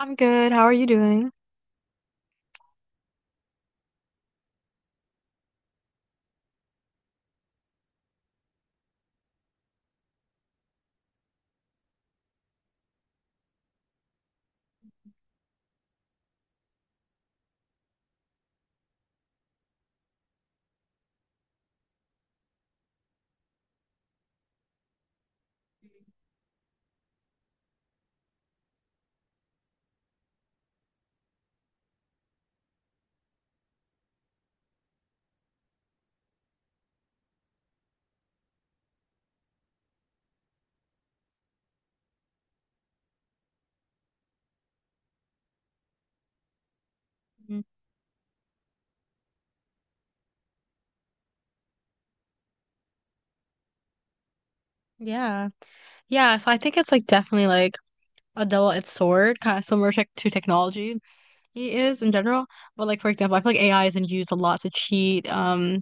I'm good. How are you doing? Mm, yeah. Yeah. So I think it's like definitely a double-edged sword, kind of similar tech to technology it is in general. But like for example, I feel like AI is been used a lot to cheat. Um,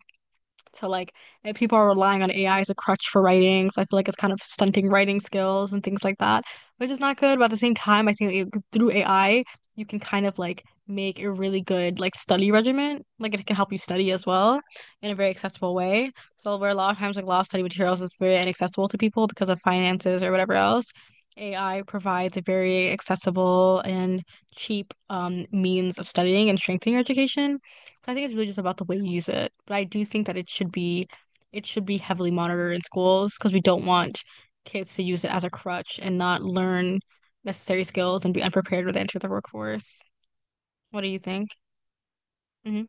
So like if people are relying on AI as a crutch for writing, so I feel like it's kind of stunting writing skills and things like that, which is not good. But at the same time, through AI, you can kind of like make a really good like study regimen. Like it can help you study as well in a very accessible way. So where a lot of times like a lot of study materials is very inaccessible to people because of finances or whatever else. AI provides a very accessible and cheap means of studying and strengthening your education. So I think it's really just about the way you use it. But I do think that it should be heavily monitored in schools because we don't want kids to use it as a crutch and not learn necessary skills and be unprepared when they enter the workforce. What do you think? Hmm.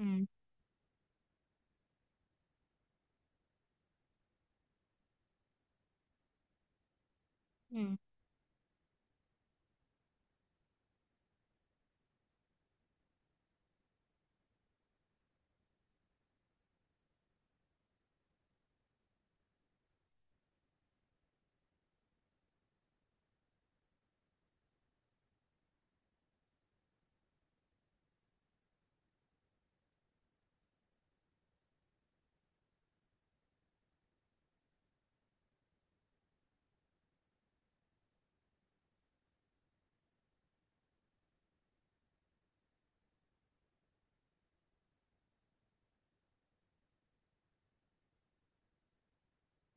Mm. Mm.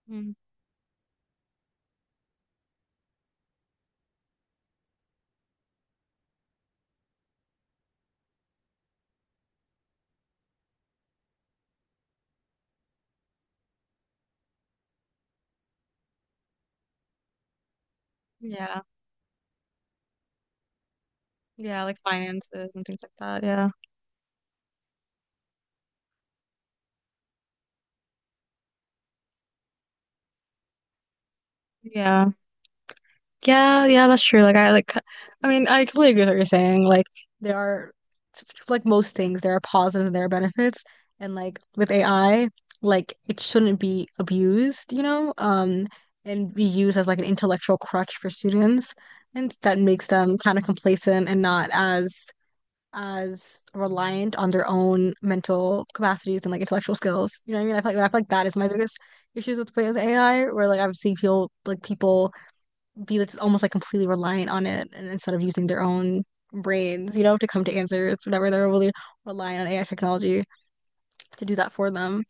Mm. Yeah. Yeah, like finances and things like that. Yeah. Yeah. Yeah, that's true. Like, I mean, I completely agree with what you're saying. Like there are, like most things, there are positives and there are benefits. And like with AI, like it shouldn't be abused, you know, and be used as like an intellectual crutch for students. And that makes them kind of complacent and not as as reliant on their own mental capacities and like intellectual skills. You know what I mean? I feel like that is my biggest issues with AI, where like I've seen people be that's almost like completely reliant on it, and instead of using their own brains, you know, to come to answers, whatever. They're really relying on AI technology to do that for them.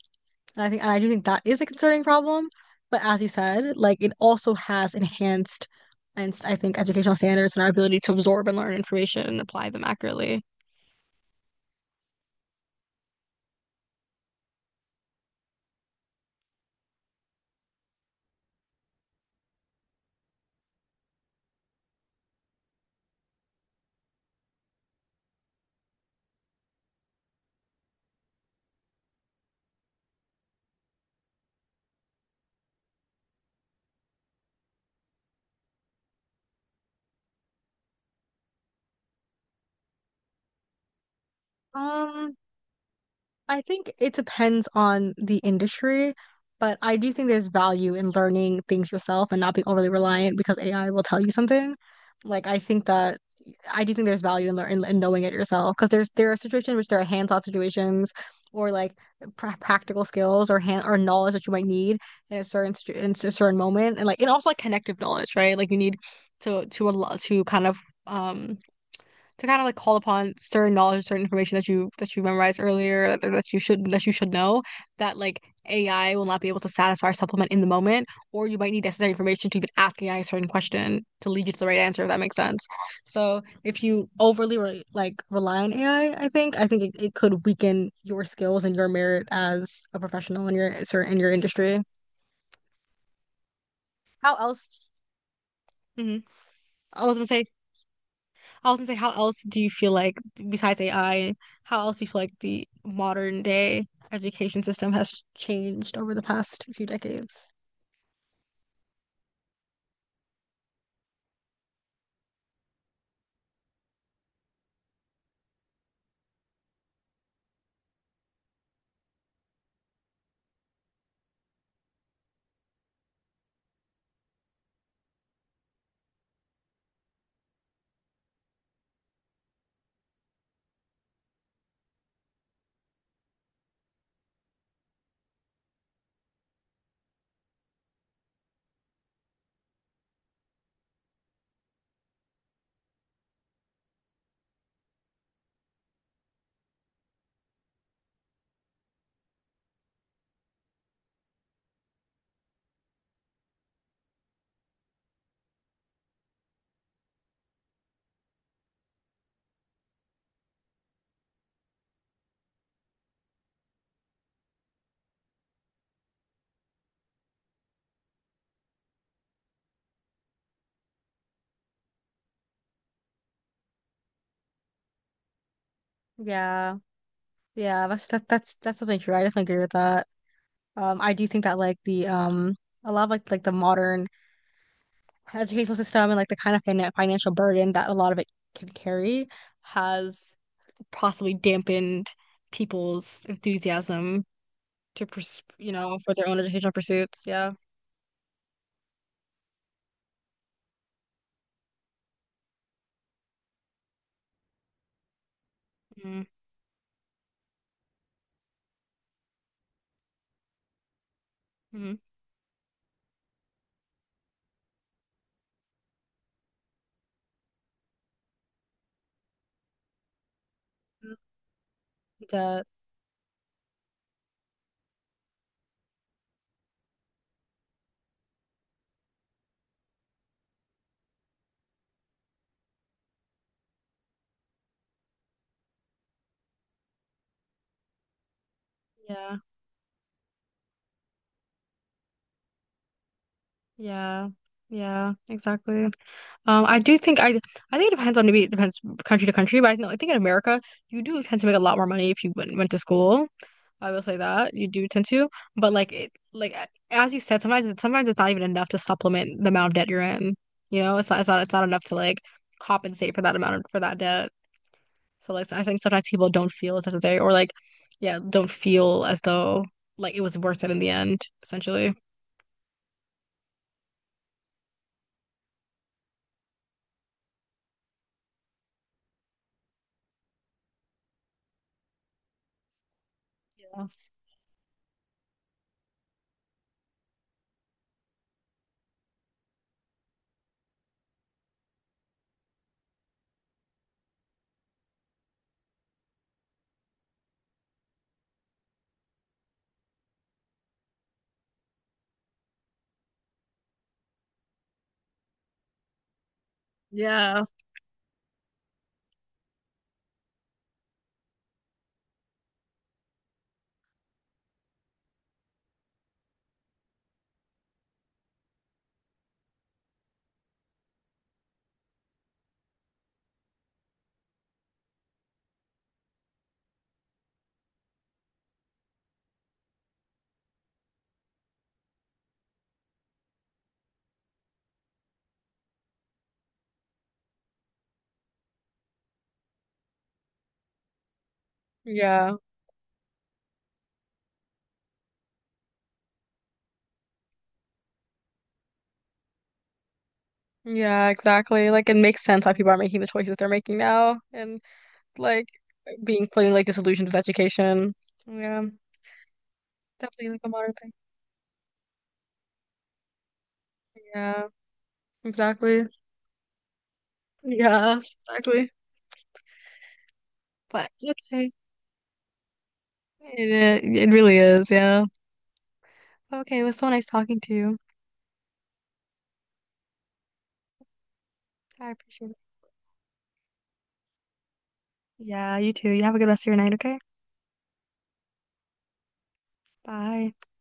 And I do think that is a concerning problem. But as you said, like it also has enhanced, and I think, educational standards and our ability to absorb and learn information and apply them accurately. Um, I think it depends on the industry, but I do think there's value in learning things yourself and not being overly reliant because AI will tell you something. Like I think that I do think there's value in learning in knowing it yourself, because there are situations in which there are hands-on situations or like practical skills or hand or knowledge that you might need in a certain moment, and like, and also like connective knowledge, right? Like you need to a lot um to kind of like call upon certain knowledge, certain information that you memorized earlier, that you should know, that like AI will not be able to satisfy or supplement in the moment, or you might need necessary information to even ask AI a certain question to lead you to the right answer, if that makes sense. So if you overly re like rely on AI, I think it could weaken your skills and your merit as a professional in your certain in your industry. How else? Mhm. I was gonna say I was gonna say, how else do you feel like, besides AI, how else do you feel like the modern day education system has changed over the past few decades? Yeah, yeah, that's that, that's definitely true. I definitely agree with that. I do think that like the a lot of like the modern educational system and like the kind of financial burden that a lot of it can carry has possibly dampened people's enthusiasm to, pers you know, for their own educational pursuits. Yeah. Mm-hmm. It does. Yeah, yeah, yeah, exactly. Um, I do think I I think it depends, on maybe it depends country to country, but I, know, I think in America you do tend to make a lot more money if you went to school. I will say that you do tend to, but like it like as you said, sometimes it's not even enough to supplement the amount of debt you're in. You know, it's not enough to like compensate for that for that debt. So like I think sometimes people don't feel it's necessary or like, yeah, don't feel as though like it was worth it in the end essentially. Yeah, yeah, yeah, exactly. Like it makes sense why people are making the choices they're making now, and like being fully like disillusioned with education. Yeah, definitely like a modern thing. Yeah, exactly. Yeah, exactly. But okay. It, it really is, yeah. Okay, it was so nice talking to you. I appreciate it. Yeah, you too. You have a good rest of your night, okay? Bye.